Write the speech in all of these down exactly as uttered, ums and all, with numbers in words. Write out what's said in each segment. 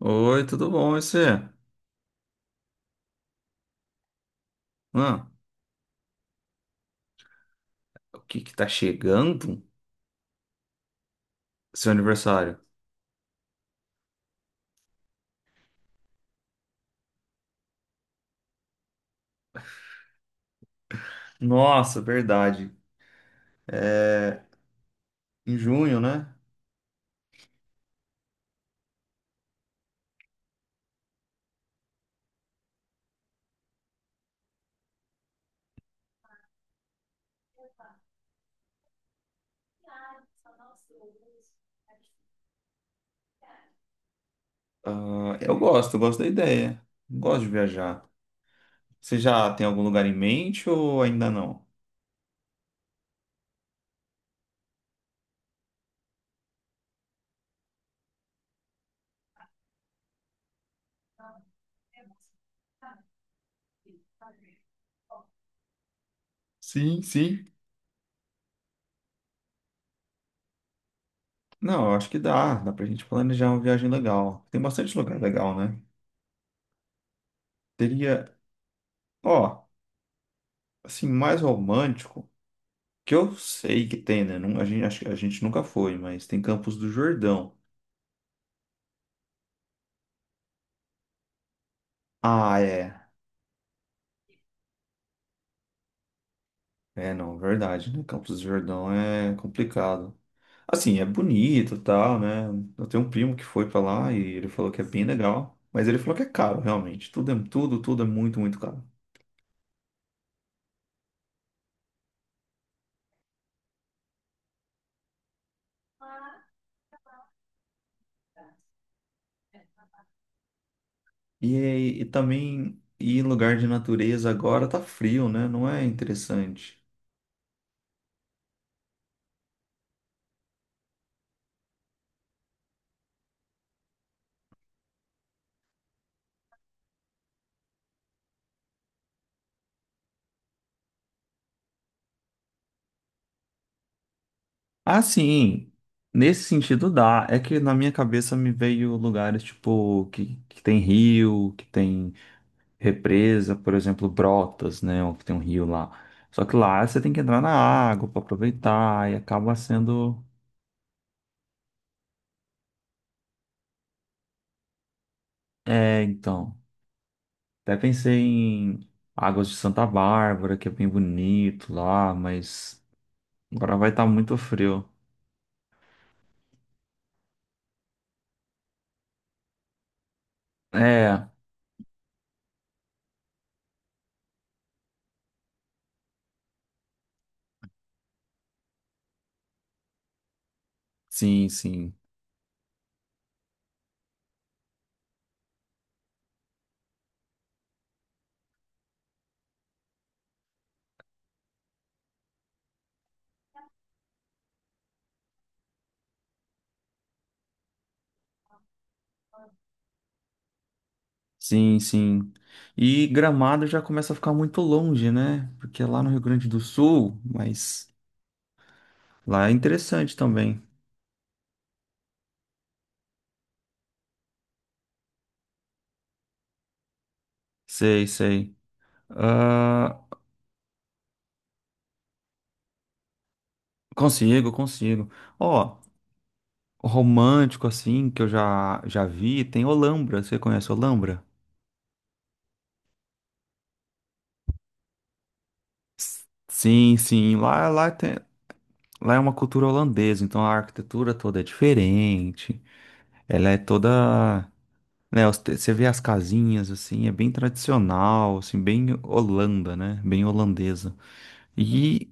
Oi, tudo bom? E você? Hã? O que que tá chegando? Seu aniversário. Nossa, verdade. Em junho, né? Ah, eu gosto, eu gosto da ideia. Gosto de viajar. Você já tem algum lugar em mente ou ainda não? Sim, sim. Não, eu acho que dá. Dá pra gente planejar uma viagem legal. Tem bastante lugar legal, né? Teria, ó, assim, mais romântico, que eu sei que tem, né? Não- a gente, acho que a gente nunca foi, mas tem Campos do Jordão. Ah, é. É, não, verdade, né? Campos do Jordão é complicado. Assim, é bonito, e tal, né? Eu tenho um primo que foi pra lá e ele falou que é bem legal, mas ele falou que é caro, realmente. Tudo é tudo, tudo é muito, muito caro. E, aí- e também ir em lugar de natureza agora tá frio, né? Não é interessante. Ah, sim. Nesse sentido dá. É que na minha cabeça me veio lugares tipo que, que tem rio, que tem represa, por exemplo, Brotas, né? Que tem um rio lá. Só que lá você tem que entrar na água para aproveitar e acaba sendo. É, então. Até pensei em Águas de Santa Bárbara, que é bem bonito lá, mas agora vai estar muito frio. É, sim, sim. Sim, sim. E Gramado já começa a ficar muito longe, né? Porque é lá no Rio Grande do Sul, mas lá é interessante também. Sei, sei. Ah, consigo, consigo. Ó, romântico assim que eu já já vi, tem Olambra. Você conhece Olambra? S- Sim, sim. Lá lá tem, lá é uma cultura holandesa, então a arquitetura toda é diferente. Ela é toda, né, os te- você vê as casinhas assim, é bem tradicional, assim, bem Holanda, né? Bem holandesa. E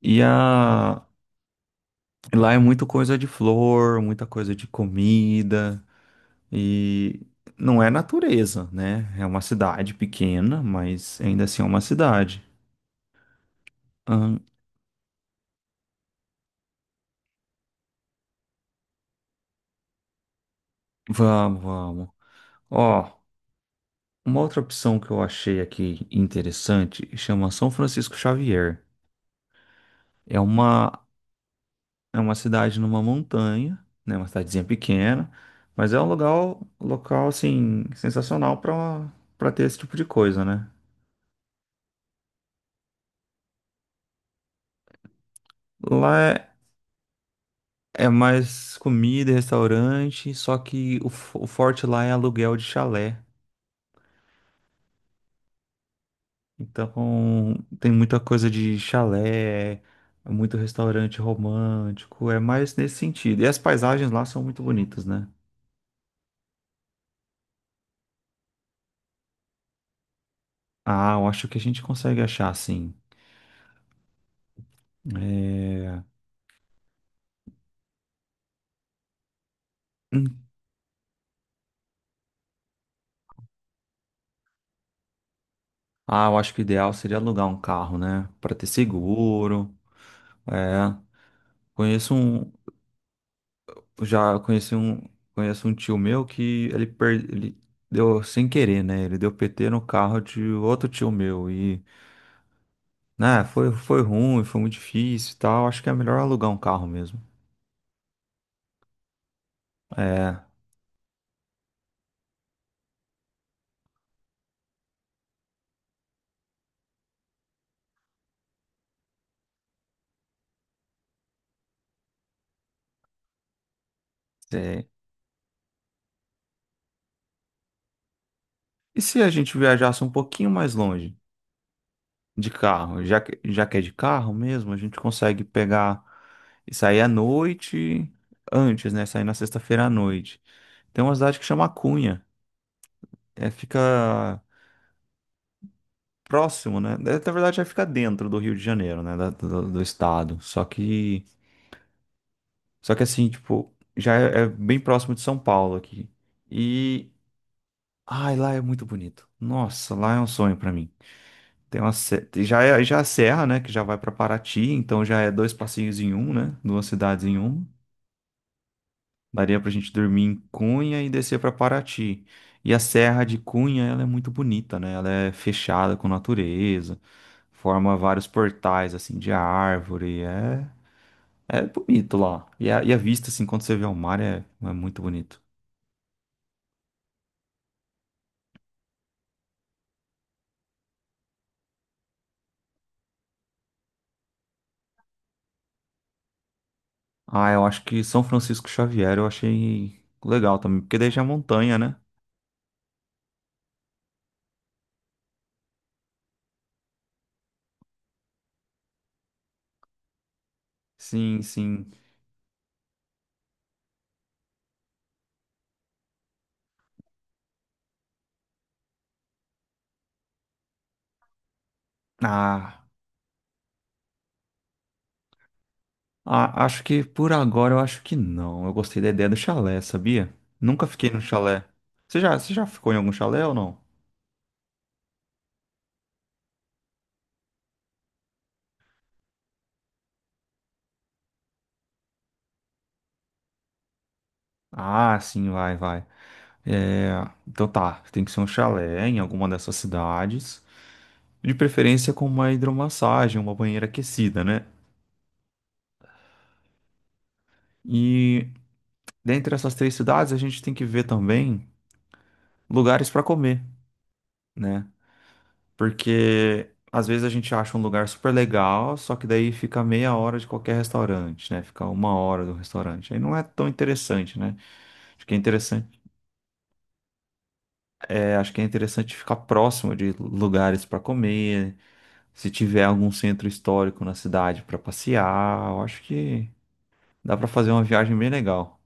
e a lá é muita coisa de flor, muita coisa de comida. E não é natureza, né? É uma cidade pequena, mas ainda assim é uma cidade. Ahn, vamos, vamos. Ó, uma outra opção que eu achei aqui interessante chama São Francisco Xavier. É uma, é uma cidade numa montanha, né? Uma cidadezinha pequena, mas é um lugar, local assim, sensacional para para ter esse tipo de coisa, né? Lá é, é mais comida, e restaurante, só que o, f- o forte lá é aluguel de chalé. Então, tem muita coisa de chalé, muito restaurante romântico, é mais nesse sentido. E as paisagens lá são muito bonitas, né? Ah, eu acho que a gente consegue achar, sim. É, hum. Ah, eu acho que o ideal seria alugar um carro, né? Para ter seguro. É, conheço um, já conheci um, conheço um tio meu que ele, per- ele deu sem querer, né? Ele deu P T no carro de outro tio meu e né, foi, foi ruim, foi muito difícil e tal. Acho que é melhor alugar um carro mesmo. É, é. E se a gente viajasse um pouquinho mais longe de carro? Já que, já que é de carro mesmo, a gente consegue pegar e sair à noite antes, né? Sair na sexta-feira à noite. Tem uma cidade que chama Cunha. É, fica próximo, né? é, na verdade, já fica dentro do Rio de Janeiro, né? da- do, do estado. Só que, só que assim, tipo, já é é bem próximo de São Paulo aqui. E ai, lá é muito bonito. Nossa, lá é um sonho pra mim. Tem uma se- já é já é a serra, né, que já vai pra Paraty, então já é dois passinhos em um, né? Duas cidades em uma. Daria pra gente dormir em Cunha e descer pra Paraty. E a serra de Cunha, ela é muito bonita, né? Ela é fechada com natureza, forma vários portais assim de árvore, é é bonito lá. E a, e a vista assim quando você vê o mar é, é muito bonito. Ah, eu acho que São Francisco Xavier eu achei legal também, porque daí já é montanha, né? Sim, sim. Ah, a- acho que por agora eu acho que não. Eu gostei da ideia do chalé, sabia? Nunca fiquei num chalé. Você já, você já ficou em algum chalé ou não? Ah, sim, vai, vai. É, então tá, tem que ser um chalé em alguma dessas cidades. De preferência com uma hidromassagem, uma banheira aquecida, né? E dentre essas três cidades a gente tem que ver também lugares para comer, né? Porque às vezes a gente acha um lugar super legal, só que daí fica meia hora de qualquer restaurante, né? Fica uma hora do restaurante. Aí não é tão interessante, né? Acho que é interessante, é, acho que é interessante ficar próximo de lugares para comer, se tiver algum centro histórico na cidade para passear, eu acho que dá para fazer uma viagem bem legal.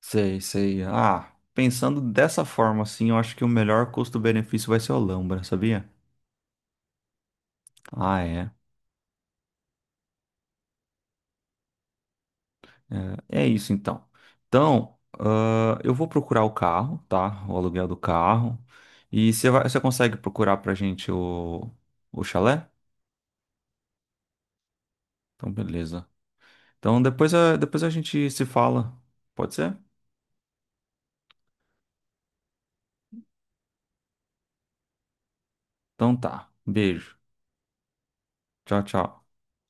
Sei, sei. Ah, pensando dessa forma assim, eu acho que o melhor custo-benefício vai ser Olambra, sabia? Ah, é. É é isso então. Então, ah, eu vou procurar o carro, tá? O aluguel do carro. E você vai, você consegue procurar pra gente o, o chalé? Então, beleza. Então, depois a, depois a gente se fala. Pode ser? Então tá. Beijo. Tchau, tchau.